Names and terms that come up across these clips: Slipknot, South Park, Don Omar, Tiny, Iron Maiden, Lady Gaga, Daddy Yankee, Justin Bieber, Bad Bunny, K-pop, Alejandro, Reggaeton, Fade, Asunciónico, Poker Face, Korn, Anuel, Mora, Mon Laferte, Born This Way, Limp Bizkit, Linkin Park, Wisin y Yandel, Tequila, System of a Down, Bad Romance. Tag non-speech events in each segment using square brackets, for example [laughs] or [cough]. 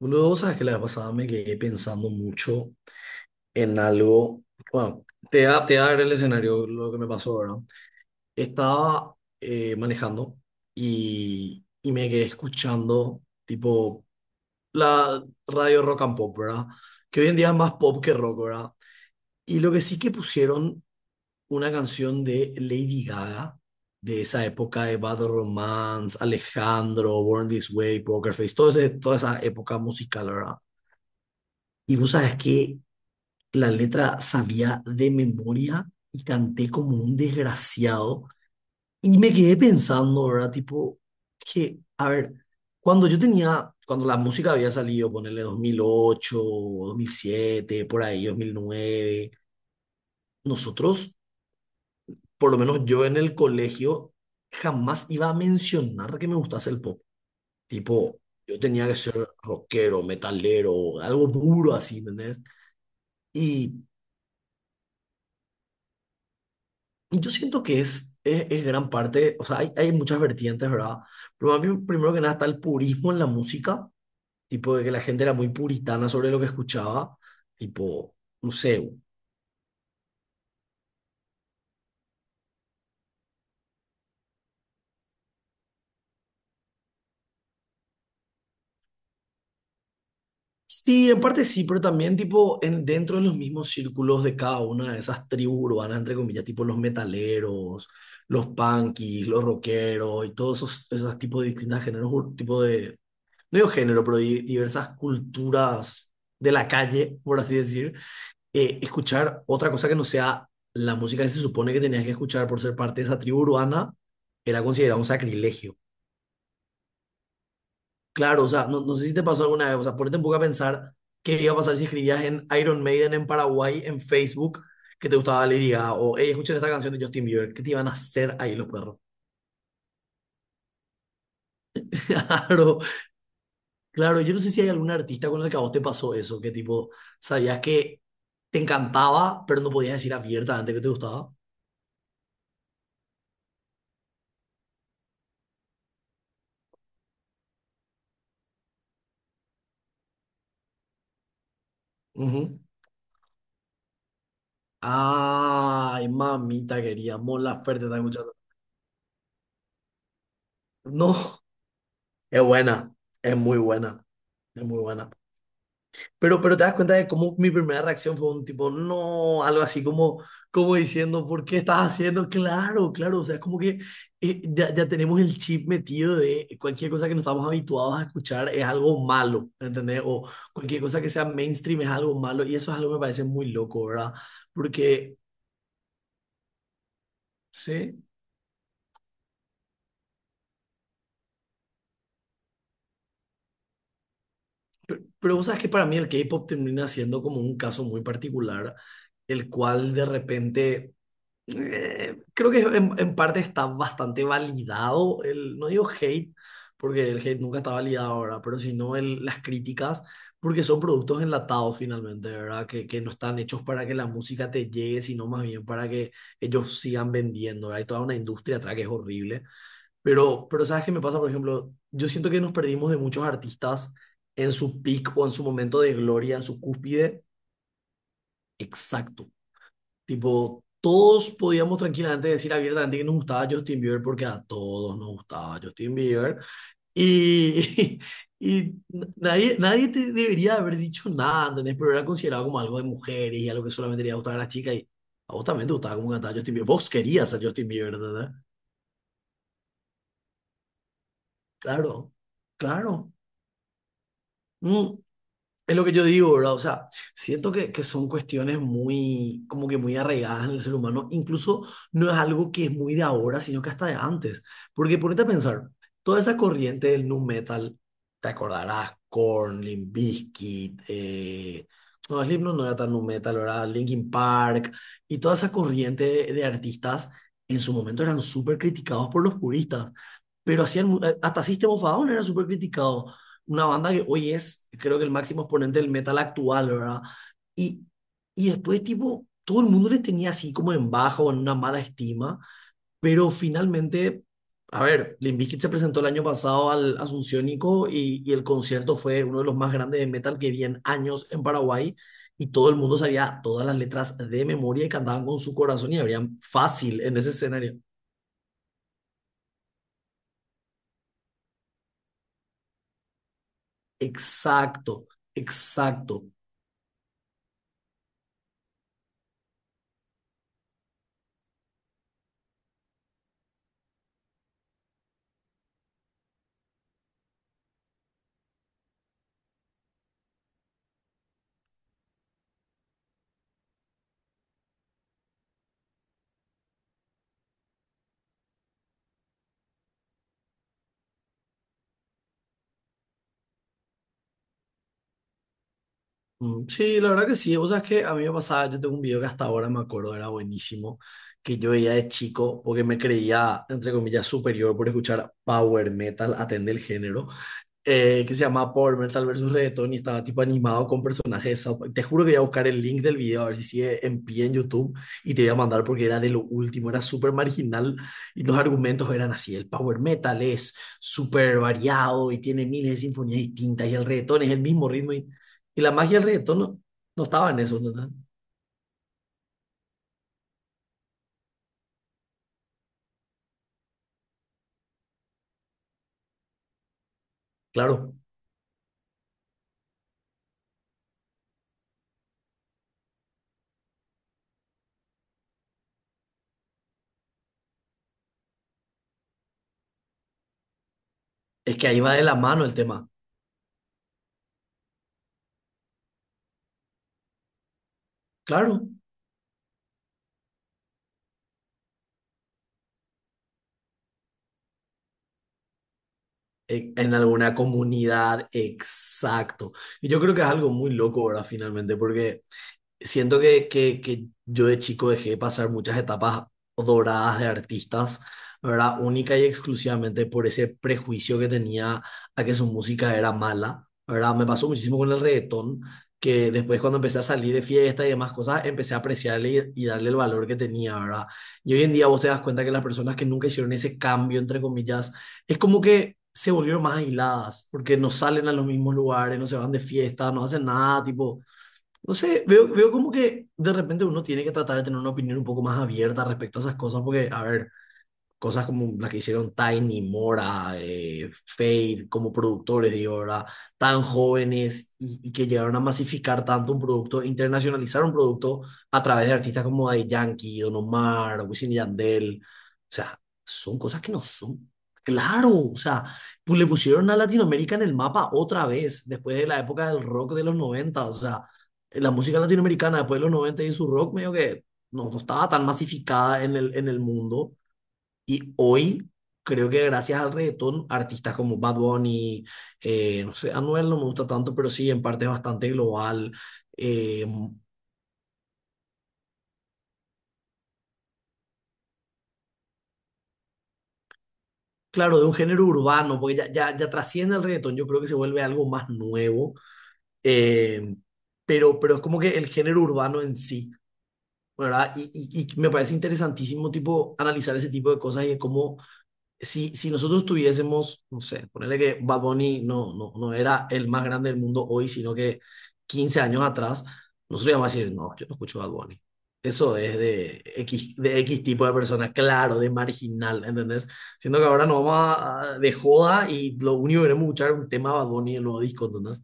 Luego, sabes que la vez pasada me quedé pensando mucho en algo. Bueno, te voy a dar el escenario, lo que me pasó, ¿verdad? Estaba manejando y me quedé escuchando, tipo, la radio rock and pop, ¿verdad? Que hoy en día es más pop que rock, ¿verdad? Y lo que sí que pusieron una canción de Lady Gaga, de esa época de Bad Romance, Alejandro, Born This Way, Poker Face, toda esa época musical, ¿verdad? Y vos sabes que la letra sabía de memoria y canté como un desgraciado. Y me quedé pensando, ¿verdad? Tipo, que, a ver, cuando la música había salido, ponerle 2008, 2007, por ahí, 2009, nosotros, por lo menos yo en el colegio, jamás iba a mencionar que me gustase el pop. Tipo, yo tenía que ser rockero, metalero, algo duro así, ¿entendés? Y yo siento que es gran parte, o sea, hay muchas vertientes, ¿verdad? Pero a mí, primero que nada está el purismo en la música, tipo de que la gente era muy puritana sobre lo que escuchaba, tipo, no sé. Sí, en parte sí, pero también tipo dentro de los mismos círculos de cada una de esas tribus urbanas, entre comillas, tipo los metaleros, los punkis, los rockeros y todos esos tipos de distintos géneros, tipo de, no digo género, pero diversas culturas de la calle, por así decir, escuchar otra cosa que no sea la música que se supone que tenías que escuchar por ser parte de esa tribu urbana, era considerado un sacrilegio. Claro, o sea, no, no sé si te pasó alguna vez, o sea, ponete un poco a pensar qué iba a pasar si escribías en Iron Maiden en Paraguay, en Facebook, que te gustaba Lady Gaga, o hey, escuchen esta canción de Justin Bieber, ¿qué te iban a hacer ahí los perros? [laughs] Claro, claro, yo no sé si hay algún artista con el que a vos te pasó eso, que tipo, sabías que te encantaba, pero no podías decir abiertamente que te gustaba. Ujú. Ay, mamita querida, Mon Laferte está escuchando. No, es buena, es muy buena, es muy buena. Pero te das cuenta de cómo mi primera reacción fue un tipo, no, algo así como diciendo, ¿por qué estás haciendo? Claro, claro, o sea, es como que ya tenemos el chip metido de cualquier cosa que no estamos habituados a escuchar es algo malo, ¿entendés? O cualquier cosa que sea mainstream es algo malo y eso es algo que me parece muy loco, ¿verdad? Porque, sí. Pero vos sabes que para mí el K-pop termina siendo como un caso muy particular, el cual de repente, creo que en parte está bastante validado, no digo hate, porque el hate nunca está validado ahora, pero sino las críticas, porque son productos enlatados finalmente, ¿verdad? Que no están hechos para que la música te llegue, sino más bien para que ellos sigan vendiendo, ¿verdad? Hay toda una industria atrás que es horrible. Pero ¿sabes qué me pasa? Por ejemplo, yo siento que nos perdimos de muchos artistas en su peak o en su momento de gloria, en su cúspide. Exacto. Tipo, todos podíamos tranquilamente decir abiertamente que nos gustaba Justin Bieber porque a todos nos gustaba Justin Bieber. Y, [laughs] y nadie te debería haber dicho nada, ¿entendés? Pero era considerado como algo de mujeres y algo que solamente le iba a gustar a las chicas. Y a vos también te gustaba como cantaba Justin Bieber. Vos querías ser Justin Bieber, ¿entendés? Claro, claro. Mm. Es lo que yo digo, ¿verdad? O sea, siento que son cuestiones muy, como que muy arraigadas en el ser humano. Incluso no es algo que es muy de ahora, sino que hasta de antes. Porque ponete a pensar, toda esa corriente del nu metal, te acordarás, Korn, Limp Bizkit, no, Slipknot no era tan nu metal, ¿verdad? Linkin Park, y toda esa corriente de artistas en su momento eran súper criticados por los puristas. Pero hacían, hasta System of a Down era súper criticado, una banda que hoy es, creo que el máximo exponente del metal actual, ¿verdad? Y, y después, tipo, todo el mundo les tenía así como en bajo, en una mala estima, pero finalmente, a ver, Limp Bizkit se presentó el año pasado al Asunciónico y el concierto fue uno de los más grandes de metal que vi en años en Paraguay. Y todo el mundo sabía todas las letras de memoria y cantaban con su corazón y habrían fácil en ese escenario. Exacto, exacto. Mm, sí, la verdad que sí. Vos sabés que a mí me pasaba, yo tengo un video que hasta ahora me acuerdo era buenísimo, que yo veía de chico porque me creía, entre comillas, superior por escuchar power metal, atender el género, que se llama Power Metal versus Reggaeton y estaba tipo animado con personajes de South Park. Te juro que voy a buscar el link del video a ver si sigue en pie en YouTube y te voy a mandar porque era de lo último, era súper marginal y los argumentos eran así, el Power Metal es súper variado y tiene miles de sinfonías distintas y el reggaetón es el mismo ritmo y la magia del reggaetón no, no estaba en eso, ¿no? Claro, es que ahí va de la mano el tema, claro. En alguna comunidad, exacto. Y yo creo que es algo muy loco, ¿verdad? Finalmente, porque siento que yo de chico dejé pasar muchas etapas doradas de artistas, ¿verdad? Única y exclusivamente por ese prejuicio que tenía a que su música era mala, ¿verdad? Me pasó muchísimo con el reggaetón, que después cuando empecé a salir de fiesta y demás cosas, empecé a apreciarle y darle el valor que tenía, ¿verdad? Y hoy en día vos te das cuenta que las personas que nunca hicieron ese cambio, entre comillas, es como que se volvieron más aisladas, porque no salen a los mismos lugares, no se van de fiesta, no hacen nada, tipo no sé, veo como que de repente uno tiene que tratar de tener una opinión un poco más abierta respecto a esas cosas, porque, a ver, cosas como las que hicieron Tiny, Mora, Fade, como productores, digo, ¿verdad? Tan jóvenes y que llegaron a masificar tanto un producto, internacionalizar un producto a través de artistas como Daddy Yankee, Don Omar, Wisin y Yandel. O sea, son cosas que no son. Claro, o sea, pues le pusieron a Latinoamérica en el mapa otra vez, después de la época del rock de los 90, o sea, la música latinoamericana después de los 90 y su rock medio que no, no estaba tan masificada en el mundo y hoy creo que gracias al reggaetón, artistas como Bad Bunny, no sé, Anuel no me gusta tanto, pero sí, en parte es bastante global. eh, claro, de un género urbano, porque ya trasciende el reggaetón, yo creo que se vuelve algo más nuevo. eh, pero es como que el género urbano en sí, ¿verdad? Y me parece interesantísimo, tipo, analizar ese tipo de cosas y de cómo si, si nosotros tuviésemos, no sé, ponerle que Bad Bunny no, no, no era el más grande del mundo hoy, sino que 15 años atrás, nosotros íbamos a decir, no, yo no escucho Bad Bunny. Eso es de X tipo de persona, claro, de marginal, ¿entendés? Siendo que ahora nos vamos de joda y lo único que queremos escuchar es un tema de Bad Bunny en el nuevo disco, ¿entendés?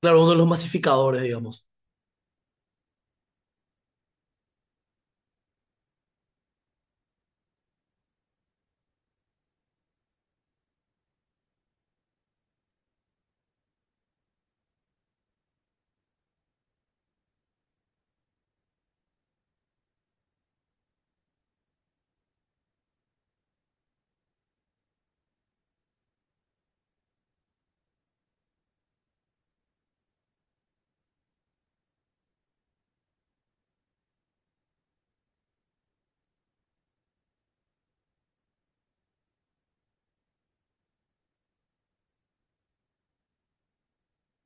Claro, uno de los masificadores, digamos.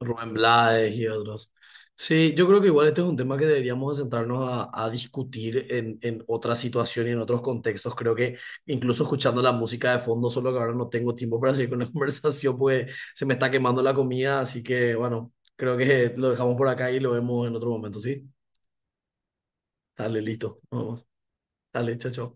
Rubén Blades y otros. Sí, yo creo que igual este es un tema que deberíamos de sentarnos a discutir en otra situación y en otros contextos. Creo que incluso escuchando la música de fondo, solo que ahora no tengo tiempo para seguir con la [laughs] conversación, pues se me está quemando la comida, así que bueno, creo que lo dejamos por acá y lo vemos en otro momento, ¿sí? Dale, listo, vamos. Dale, chao, chao.